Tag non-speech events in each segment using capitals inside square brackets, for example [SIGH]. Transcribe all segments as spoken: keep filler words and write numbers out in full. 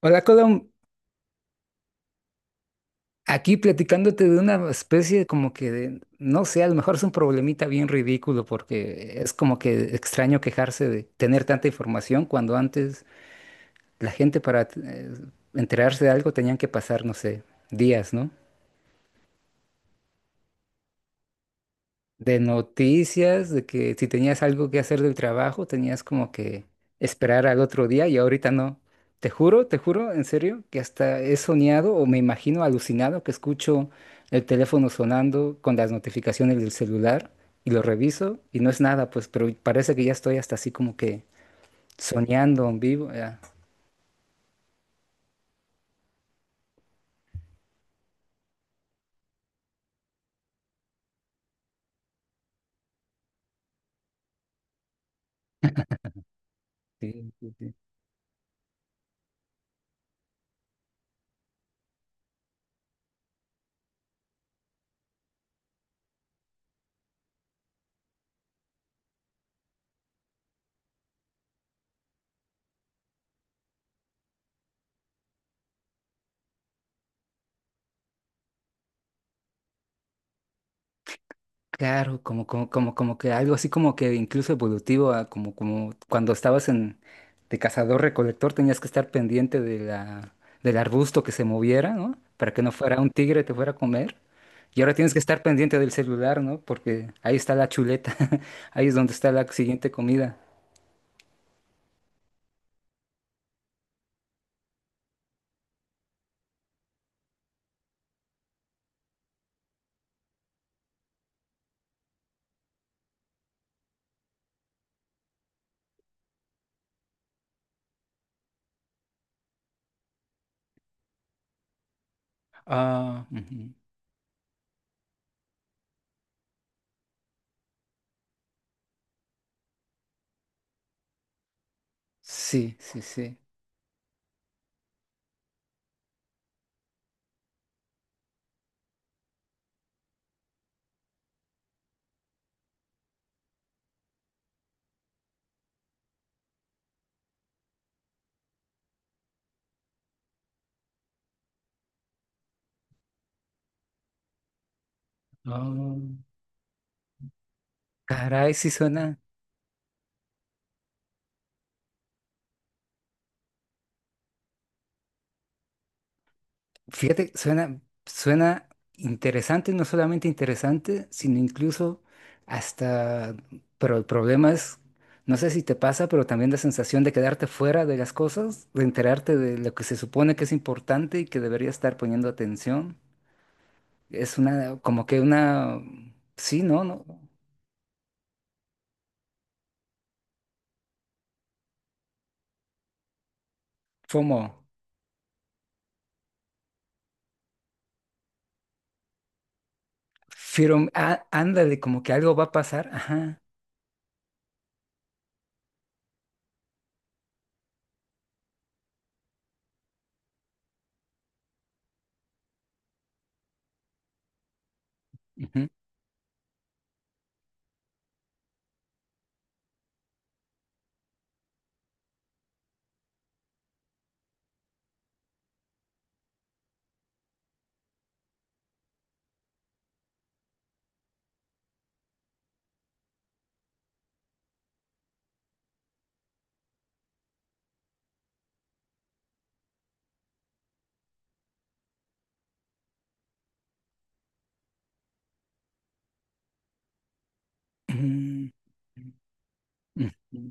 Hola, Colom. Aquí platicándote de una especie como que de, no sé, a lo mejor es un problemita bien ridículo porque es como que extraño quejarse de tener tanta información cuando antes la gente para eh, enterarse de algo tenían que pasar, no sé, días, ¿no? De noticias, de que si tenías algo que hacer del trabajo, tenías como que esperar al otro día y ahorita no. Te juro, te juro, en serio, que hasta he soñado o me imagino alucinado que escucho el teléfono sonando con las notificaciones del celular y lo reviso y no es nada, pues, pero parece que ya estoy hasta así como que soñando en vivo. Ya. Sí, sí, sí. Claro, como, como, como, como que algo así como que incluso evolutivo, a como, como cuando estabas en de cazador-recolector tenías que estar pendiente de la, del arbusto que se moviera, ¿no? Para que no fuera un tigre te fuera a comer. Y ahora tienes que estar pendiente del celular, ¿no? Porque ahí está la chuleta, [LAUGHS] ahí es donde está la siguiente comida. Ah, ujú. Sí, sí, sí. Ah, caray, sí suena. Fíjate, suena, suena interesante, no solamente interesante, sino incluso hasta, pero el problema es, no sé si te pasa, pero también la sensación de quedarte fuera de las cosas, de enterarte de lo que se supone que es importante y que deberías estar poniendo atención. Es una, como que una, sí, ¿no? ¿No? Como, firme, ándale, como que algo va a pasar. Ajá. Ujú, ujú, ujú.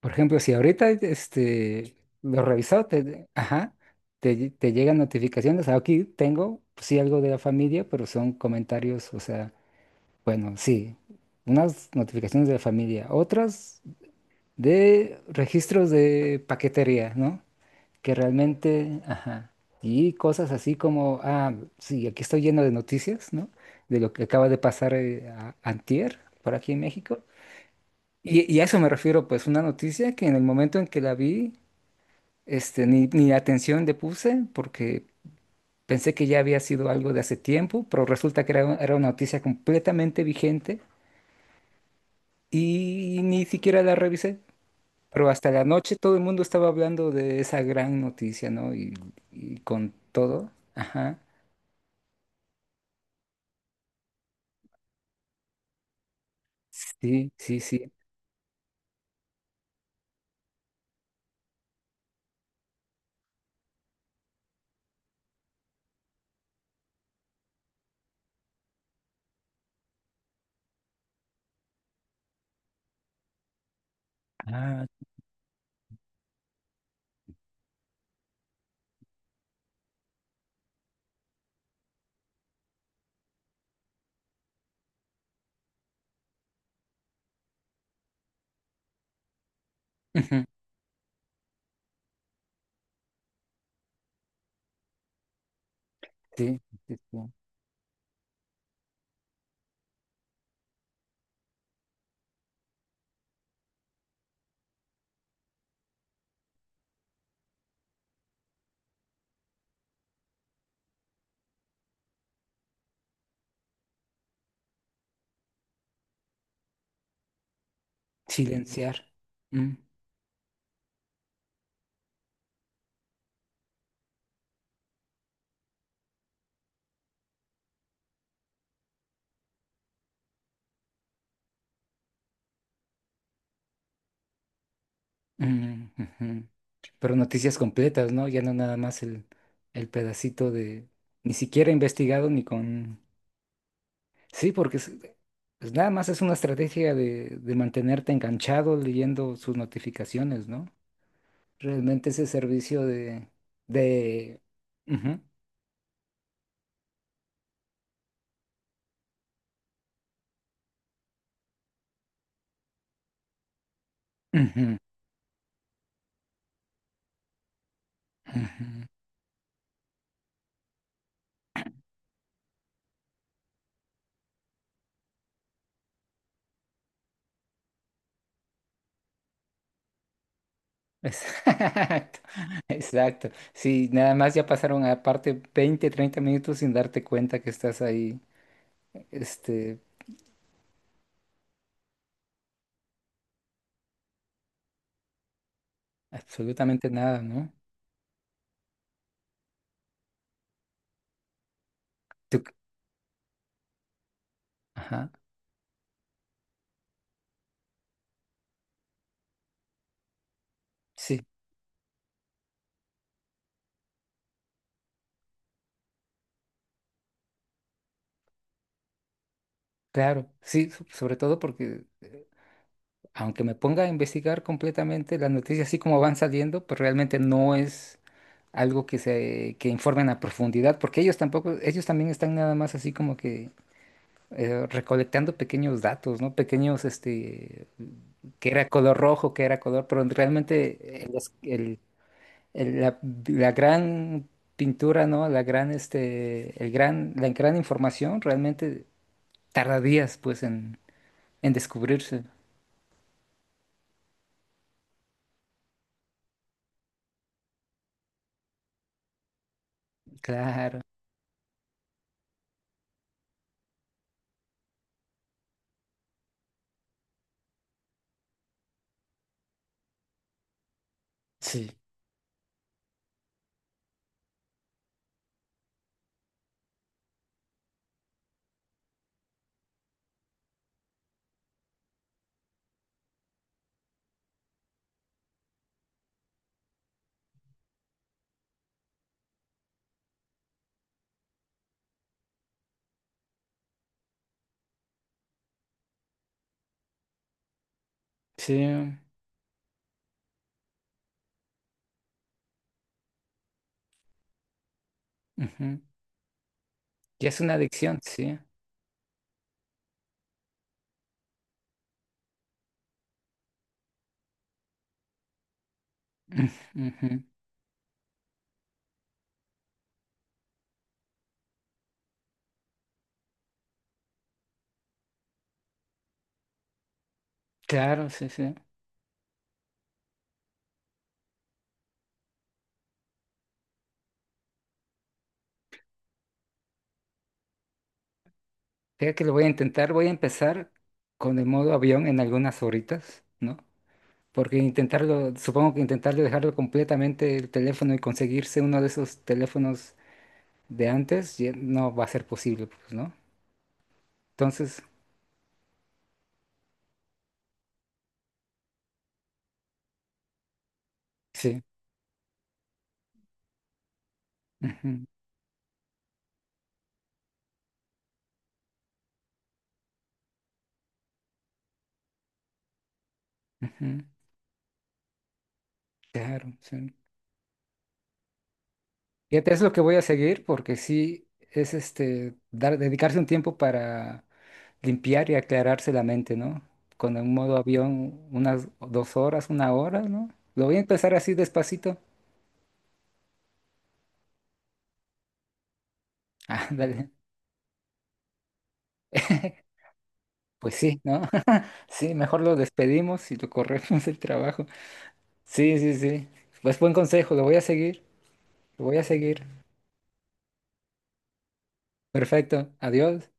Por ejemplo, si ahorita este, lo revisó, te, ajá, te, te llegan notificaciones. Aquí tengo, pues, sí, algo de la familia, pero son comentarios, o sea, bueno, sí, unas notificaciones de la familia, otras de registros de paquetería, ¿no? Que realmente, ajá, y cosas así como, ah, sí, aquí estoy lleno de noticias, ¿no? De lo que acaba de pasar eh, a- antier, por aquí en México. Y, y a eso me refiero, pues una noticia que en el momento en que la vi, este, ni, ni atención le puse porque pensé que ya había sido algo de hace tiempo, pero resulta que era, era una noticia completamente vigente y ni siquiera la revisé. Pero hasta la noche todo el mundo estaba hablando de esa gran noticia, ¿no? Y, y con todo. Ajá. Sí, sí, sí. Ah, ujú, sí, sí, sí. Silenciar. Mm. Mm, ujú. Pero noticias completas, ¿no? Ya no nada más el, el pedacito de... Ni siquiera investigado ni con... Sí, porque es- pues nada más es una estrategia de, de mantenerte enganchado leyendo sus notificaciones, ¿no? Realmente ese servicio de... de... Ujú, ujú, ujú. Exacto, [LAUGHS] exacto. Sí, nada más ya pasaron aparte veinte, treinta minutos sin darte cuenta que estás ahí, este, absolutamente nada, ¿no? Tú- ajá, sí, claro, sí, so- sobre todo porque eh, aunque me ponga a investigar completamente las noticias así como van saliendo, pues realmente no es algo que se que informen a profundidad, porque ellos tampoco, ellos también están nada más así como que eh, recolectando pequeños datos, ¿no? Pequeños, este, que era color rojo, que era color, pero realmente el, es- el- el- la, la gran pintura, ¿no? La gran, este, el gran, la gran información realmente tarda días pues en, en descubrirse. Claro, sí, sí. Ujú. Ya es una adicción, sí. Ujú, ujú. Claro, sí, sí. Fíjate que lo voy a intentar, voy a empezar con el modo avión en algunas horitas, ¿no? Porque intentarlo, supongo que intentarlo dejarlo completamente el teléfono y conseguirse uno de esos teléfonos de antes ya no va a ser posible, pues, ¿no? Entonces, sí. Ujú, ujú, claro, sí. Fíjate, es lo que voy a seguir porque sí es este dar, dedicarse un tiempo para limpiar y aclararse la mente, ¿no? Con el modo avión, unas dos horas, una hora, ¿no? Lo voy a empezar así despacito. Ah, dale. [LAUGHS] Pues sí, ¿no? [LAUGHS] Sí, mejor lo despedimos y lo corremos del trabajo. Sí, sí, sí. Pues buen consejo, lo voy a seguir, lo voy a seguir. Perfecto, adiós.